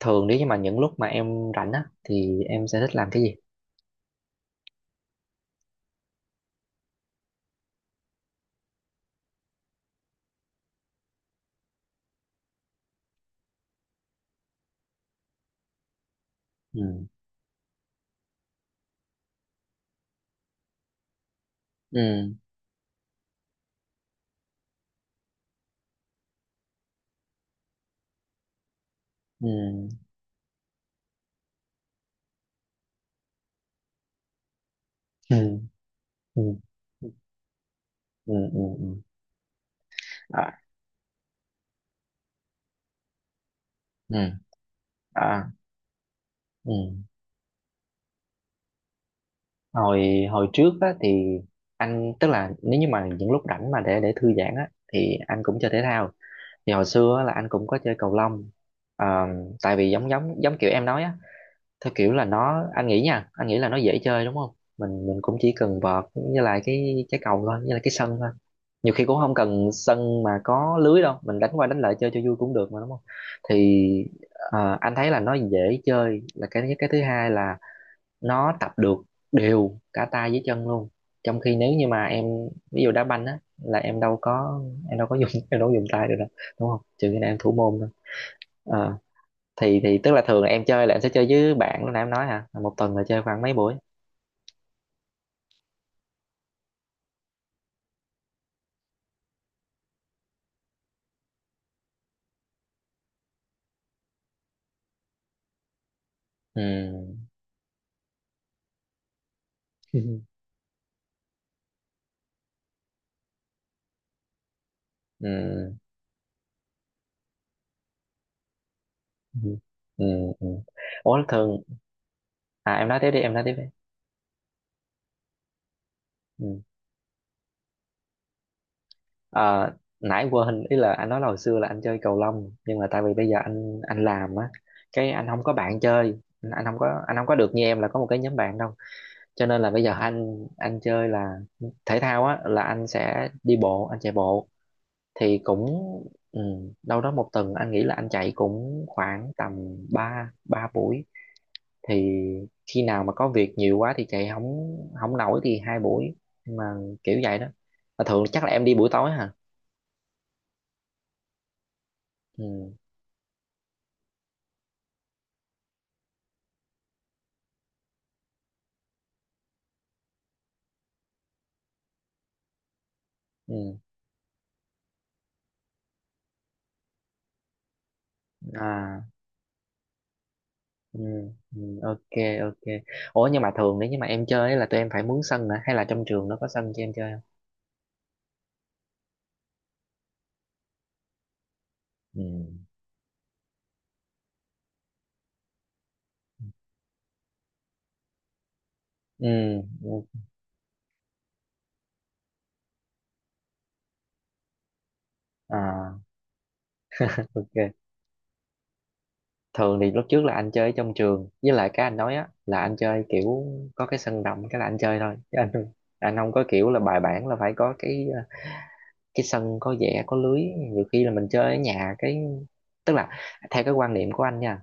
Thường nếu như mà những lúc mà em rảnh á thì em sẽ thích làm cái gì? Ừ. Ừ, ừ, ừ, ừ, ừ, ừ, ừ. À, ừ. À, ừ. Hồi hồi trước á thì anh, tức là nếu như mà những lúc rảnh mà để thư giãn á thì anh cũng chơi thể thao. Thì hồi xưa á, là anh cũng có chơi cầu lông. Ờ, Tại vì giống giống giống kiểu em nói á, theo kiểu là nó, anh nghĩ nha, anh nghĩ là nó dễ chơi đúng không? Mình cũng chỉ cần vợt như là cái trái cầu thôi, như là cái sân thôi. Nhiều khi cũng không cần sân mà có lưới đâu, mình đánh qua đánh lại chơi cho vui cũng được mà, đúng không? Thì anh thấy là nó dễ chơi là cái thứ nhất, cái thứ hai là nó tập được đều cả tay với chân luôn. Trong khi nếu như mà em, ví dụ đá banh á, là em đâu có dùng em đâu có dùng tay được đâu, đúng không, trừ khi nào em thủ môn thôi. Ờ, thì tức là thường là em chơi là em sẽ chơi với bạn lúc nãy em nói hả, một tuần là chơi khoảng mấy buổi? Ừ. Ừ. Ừ. Ừ. Ừ. Ừ. Ủa thường, à, em nói tiếp đi. Ừ. Ờ, nãy quên ý là anh nói là hồi xưa là anh chơi cầu lông nhưng mà tại vì bây giờ anh làm á, cái anh không có bạn chơi, anh không có được như em là có một cái nhóm bạn đâu. Cho nên là bây giờ anh chơi là thể thao á, là anh sẽ đi bộ, anh chạy bộ. Thì cũng, ừ, đâu đó một tuần anh nghĩ là anh chạy cũng khoảng tầm 3 ba buổi. Thì khi nào mà có việc nhiều quá thì chạy không không nổi thì hai buổi. Nhưng mà kiểu vậy đó. Mà thường chắc là em đi buổi tối hả? Ừ, ừ. À, ừ, ừ, ok. Ok. Ủa nhưng mà thường nếu như mà em chơi ấy, là tụi em phải mướn sân hả hay là trong trường nó có sân cho em chơi không? Ừ, ừ, ừ. À, ok. Thường thì lúc trước là anh chơi ở trong trường, với lại cái anh nói á là anh chơi kiểu có cái sân rộng cái là anh chơi thôi, chứ anh không, anh không có kiểu là bài bản là phải có cái cái sân có vẽ có lưới. Nhiều khi là mình chơi ở nhà cái, tức là theo cái quan niệm của anh nha,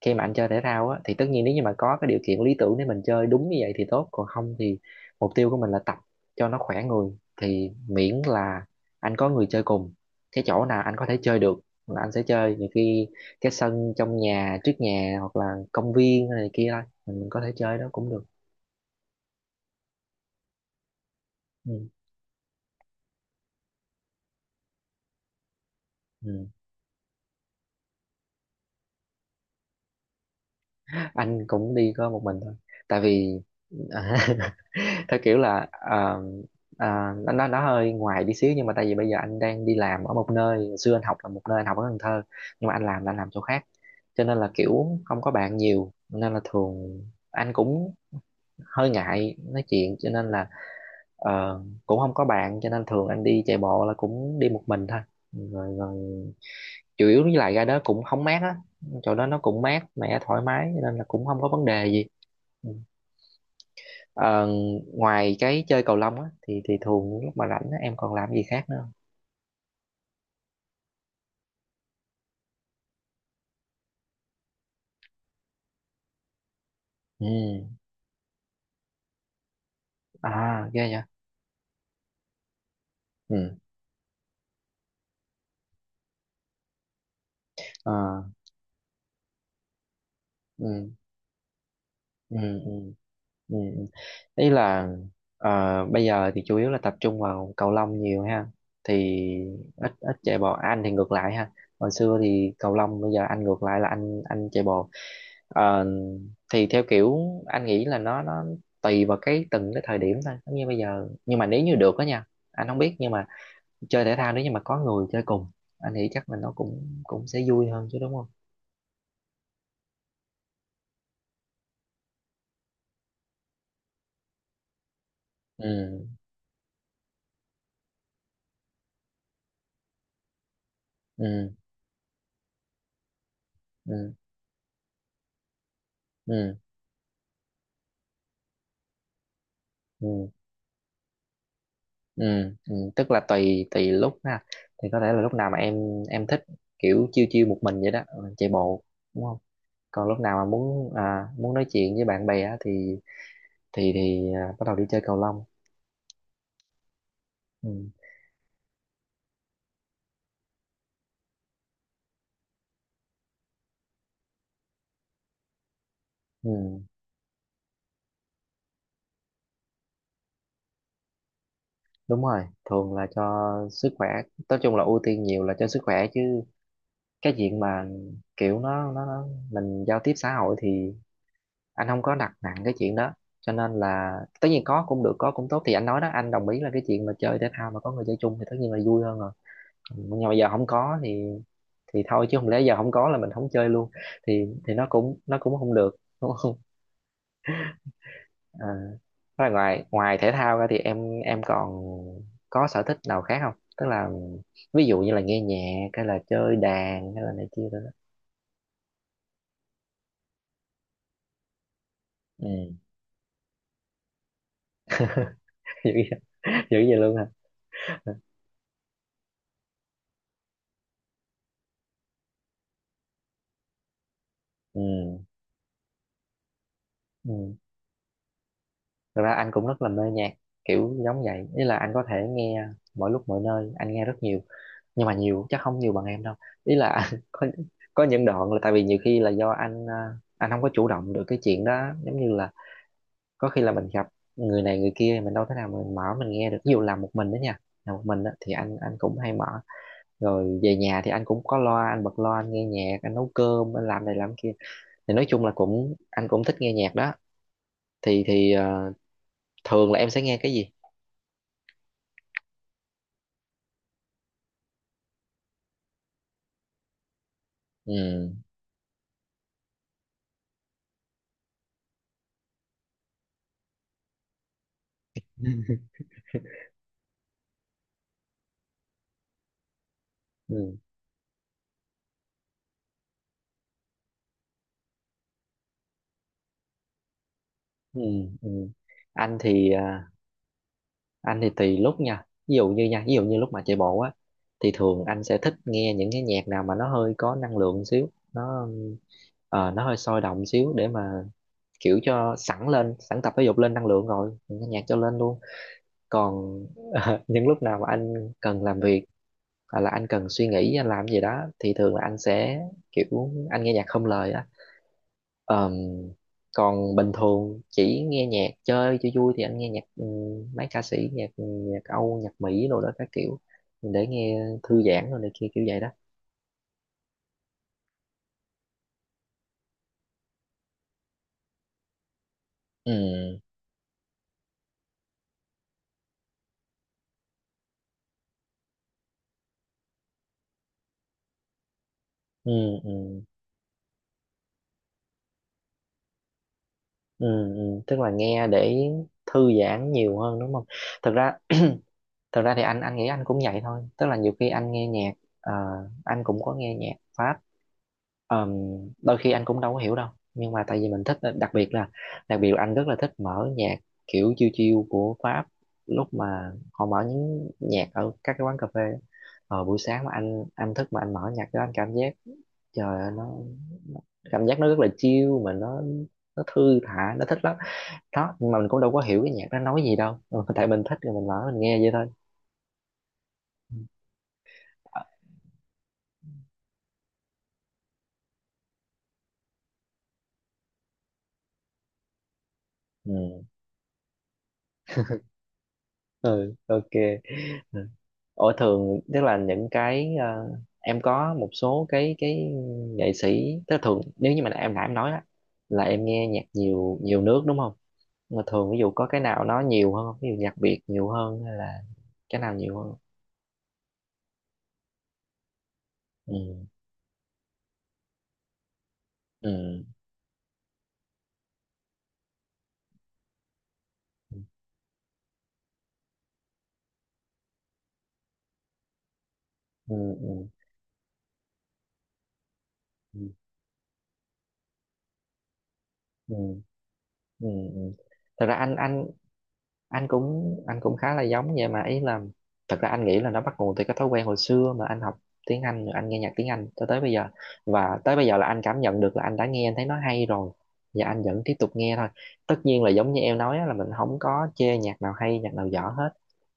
khi mà anh chơi thể thao á thì tất nhiên nếu như mà có cái điều kiện lý tưởng để mình chơi đúng như vậy thì tốt, còn không thì mục tiêu của mình là tập cho nó khỏe người. Thì miễn là anh có người chơi cùng, cái chỗ nào anh có thể chơi được là anh sẽ chơi. Nhiều khi cái sân trong nhà, trước nhà hoặc là công viên này kia thôi mình có thể chơi đó cũng được. Ừ. Ừ. Anh cũng đi có một mình thôi. Tại vì theo kiểu là, nó nó hơi ngoài đi xíu, nhưng mà tại vì bây giờ anh đang đi làm ở một nơi. Hồi xưa anh học là một nơi, anh học ở Cần Thơ, nhưng mà anh làm là anh làm chỗ khác. Cho nên là kiểu không có bạn nhiều, nên là thường anh cũng hơi ngại nói chuyện, cho nên là ờ, cũng không có bạn, cho nên thường anh đi chạy bộ là cũng đi một mình thôi. Rồi rồi Chủ yếu với lại ra đó cũng không mát á, chỗ đó nó cũng mát mẻ thoải mái cho nên là cũng không có vấn đề gì. Ừ. Ờ, ngoài cái chơi cầu lông á thì thường lúc mà rảnh á, em còn làm gì khác nữa không? Ừ. À, ghê vậy. Ừ. Ờ. Ừ. Ừ. Ừ. Ừ. Ý là, bây giờ thì chủ yếu là tập trung vào cầu lông nhiều ha, thì ít ít chạy bộ. À, anh thì ngược lại ha, hồi xưa thì cầu lông, bây giờ anh ngược lại là anh chạy bộ. Ờ, thì theo kiểu anh nghĩ là nó tùy vào cái từng cái thời điểm thôi, giống như bây giờ. Nhưng mà nếu như được đó nha, anh không biết, nhưng mà chơi thể thao nếu như mà có người chơi cùng anh nghĩ chắc là nó cũng cũng sẽ vui hơn chứ, đúng không? Ừ. Ừ. Ừ. Ừ. Ừ. Ừ, ừ, tức là tùy tùy lúc ha, thì có thể là lúc nào mà em thích kiểu chiêu chiêu một mình vậy đó, ừ, chạy bộ, đúng không? Còn lúc nào mà muốn, à, muốn nói chuyện với bạn bè á, thì thì à, bắt đầu đi chơi cầu lông. Ừ, ừ, đúng rồi, thường là cho sức khỏe. Nói chung là ưu tiên nhiều là cho sức khỏe, chứ cái chuyện mà kiểu nó mình giao tiếp xã hội thì anh không có đặt nặng cái chuyện đó. Cho nên là tất nhiên có cũng được, có cũng tốt. Thì anh nói đó, anh đồng ý là cái chuyện mà chơi thể thao mà có người chơi chung thì tất nhiên là vui hơn rồi. Ừ, nhưng mà bây giờ không có thì thôi, chứ không lẽ giờ không có là mình không chơi luôn, thì nó cũng không được, đúng không? À, thế là ngoài ngoài thể thao ra thì em còn có sở thích nào khác không, tức là ví dụ như là nghe nhạc hay là chơi đàn hay là này kia rồi đó. Ừ. Dữ vậy, dữ vậy luôn hả? Ừ. Ừ. Thật ra anh cũng rất là mê nhạc kiểu giống vậy, ý là anh có thể nghe mọi lúc mọi nơi, anh nghe rất nhiều, nhưng mà nhiều chắc không nhiều bằng em đâu. Ý là anh có những đoạn là tại vì nhiều khi là do anh, anh không có chủ động được cái chuyện đó, giống như là có khi là mình gặp người này người kia mình đâu thể nào mình mở mình nghe được. Ví dụ làm một mình đó nha, làm một mình đó thì anh cũng hay mở. Rồi về nhà thì anh cũng có loa, anh bật loa, anh nghe nhạc, anh nấu cơm, anh làm này làm kia. Thì nói chung là cũng, anh cũng thích nghe nhạc đó. Thì thường là em sẽ nghe cái gì? Ừ. Ừ, ừ, ừ. Anh thì à, anh thì tùy lúc nha, ví dụ như nha, ví dụ như lúc mà chạy bộ á thì thường anh sẽ thích nghe những cái nhạc nào mà nó hơi có năng lượng xíu. Nó nó hơi sôi động xíu để mà kiểu cho sẵn lên, sẵn tập thể dục lên năng lượng, rồi những cái nhạc cho lên luôn. Còn những lúc nào mà anh cần làm việc hoặc là anh cần suy nghĩ anh làm gì đó thì thường là anh sẽ kiểu anh nghe nhạc không lời. Ờm, Còn bình thường chỉ nghe nhạc chơi cho vui thì anh nghe nhạc, mấy ca sĩ nhạc nhạc Âu nhạc Mỹ rồi đó các kiểu, để nghe thư giãn rồi này kia kiểu vậy đó. Ừ. Ừ. Ừ. Ừ. Ừ. Tức là nghe để thư giãn nhiều hơn, đúng không? thực ra Thực ra thì anh nghĩ anh cũng vậy thôi, tức là nhiều khi anh nghe nhạc, ờ, anh cũng có nghe nhạc Pháp. Ờm, Đôi khi anh cũng đâu có hiểu đâu, nhưng mà tại vì mình thích, đặc biệt là anh rất là thích mở nhạc kiểu chill chill của Pháp, lúc mà họ mở những nhạc ở các cái quán cà phê á. Ờ, buổi sáng mà anh thức mà anh mở nhạc đó, anh cảm giác trời ơi, nó cảm giác nó rất là chill, mà nó thư thả, nó thích lắm đó. Nhưng mà mình cũng đâu có hiểu cái nhạc nó nói gì đâu, ừ, tại mình thích rồi mình mở mình nghe vậy thôi. Ừ. Ờ. Ừ, ok. Ở thường tức là những cái em có một số cái nghệ sĩ, tức là thường nếu như mà em nãy em nói á là em nghe nhạc nhiều nhiều nước đúng không? Mà thường ví dụ có cái nào nó nhiều hơn không? Ví dụ nhạc Việt nhiều hơn hay là cái nào nhiều hơn? Ừ. Ừ. Ừ. Ừ. Ừ. Ừ. Ừ. Ừ. Ừ. Thật ra anh anh cũng khá là giống vậy mà, ý là thật ra anh nghĩ là nó bắt nguồn từ cái thói quen hồi xưa mà anh học tiếng Anh rồi anh nghe nhạc tiếng Anh cho tới bây giờ. Và tới bây giờ là anh cảm nhận được là anh đã nghe, anh thấy nó hay rồi và anh vẫn tiếp tục nghe thôi. Tất nhiên là giống như em nói á, là mình không có chê nhạc nào hay nhạc nào dở hết,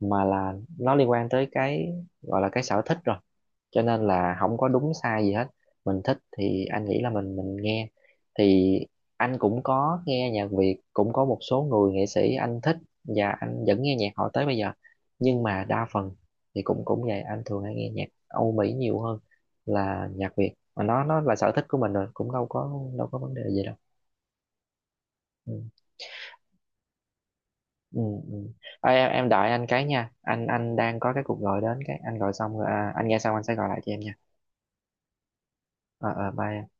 mà là nó liên quan tới cái, gọi là cái sở thích rồi, cho nên là không có đúng sai gì hết. Mình thích thì anh nghĩ là mình nghe. Thì anh cũng có nghe nhạc Việt, cũng có một số người nghệ sĩ anh thích và anh vẫn nghe nhạc họ tới bây giờ. Nhưng mà đa phần thì cũng cũng vậy, anh thường hay nghe nhạc Âu Mỹ nhiều hơn là nhạc Việt. Mà nó là sở thích của mình rồi, cũng đâu có vấn đề gì đâu. Ừ. Ừ, ừ. Ê, em đợi anh cái nha, anh đang có cái cuộc gọi đến, cái anh gọi xong rồi, à, anh nghe xong anh sẽ gọi lại cho em nha. Ờ, bye em.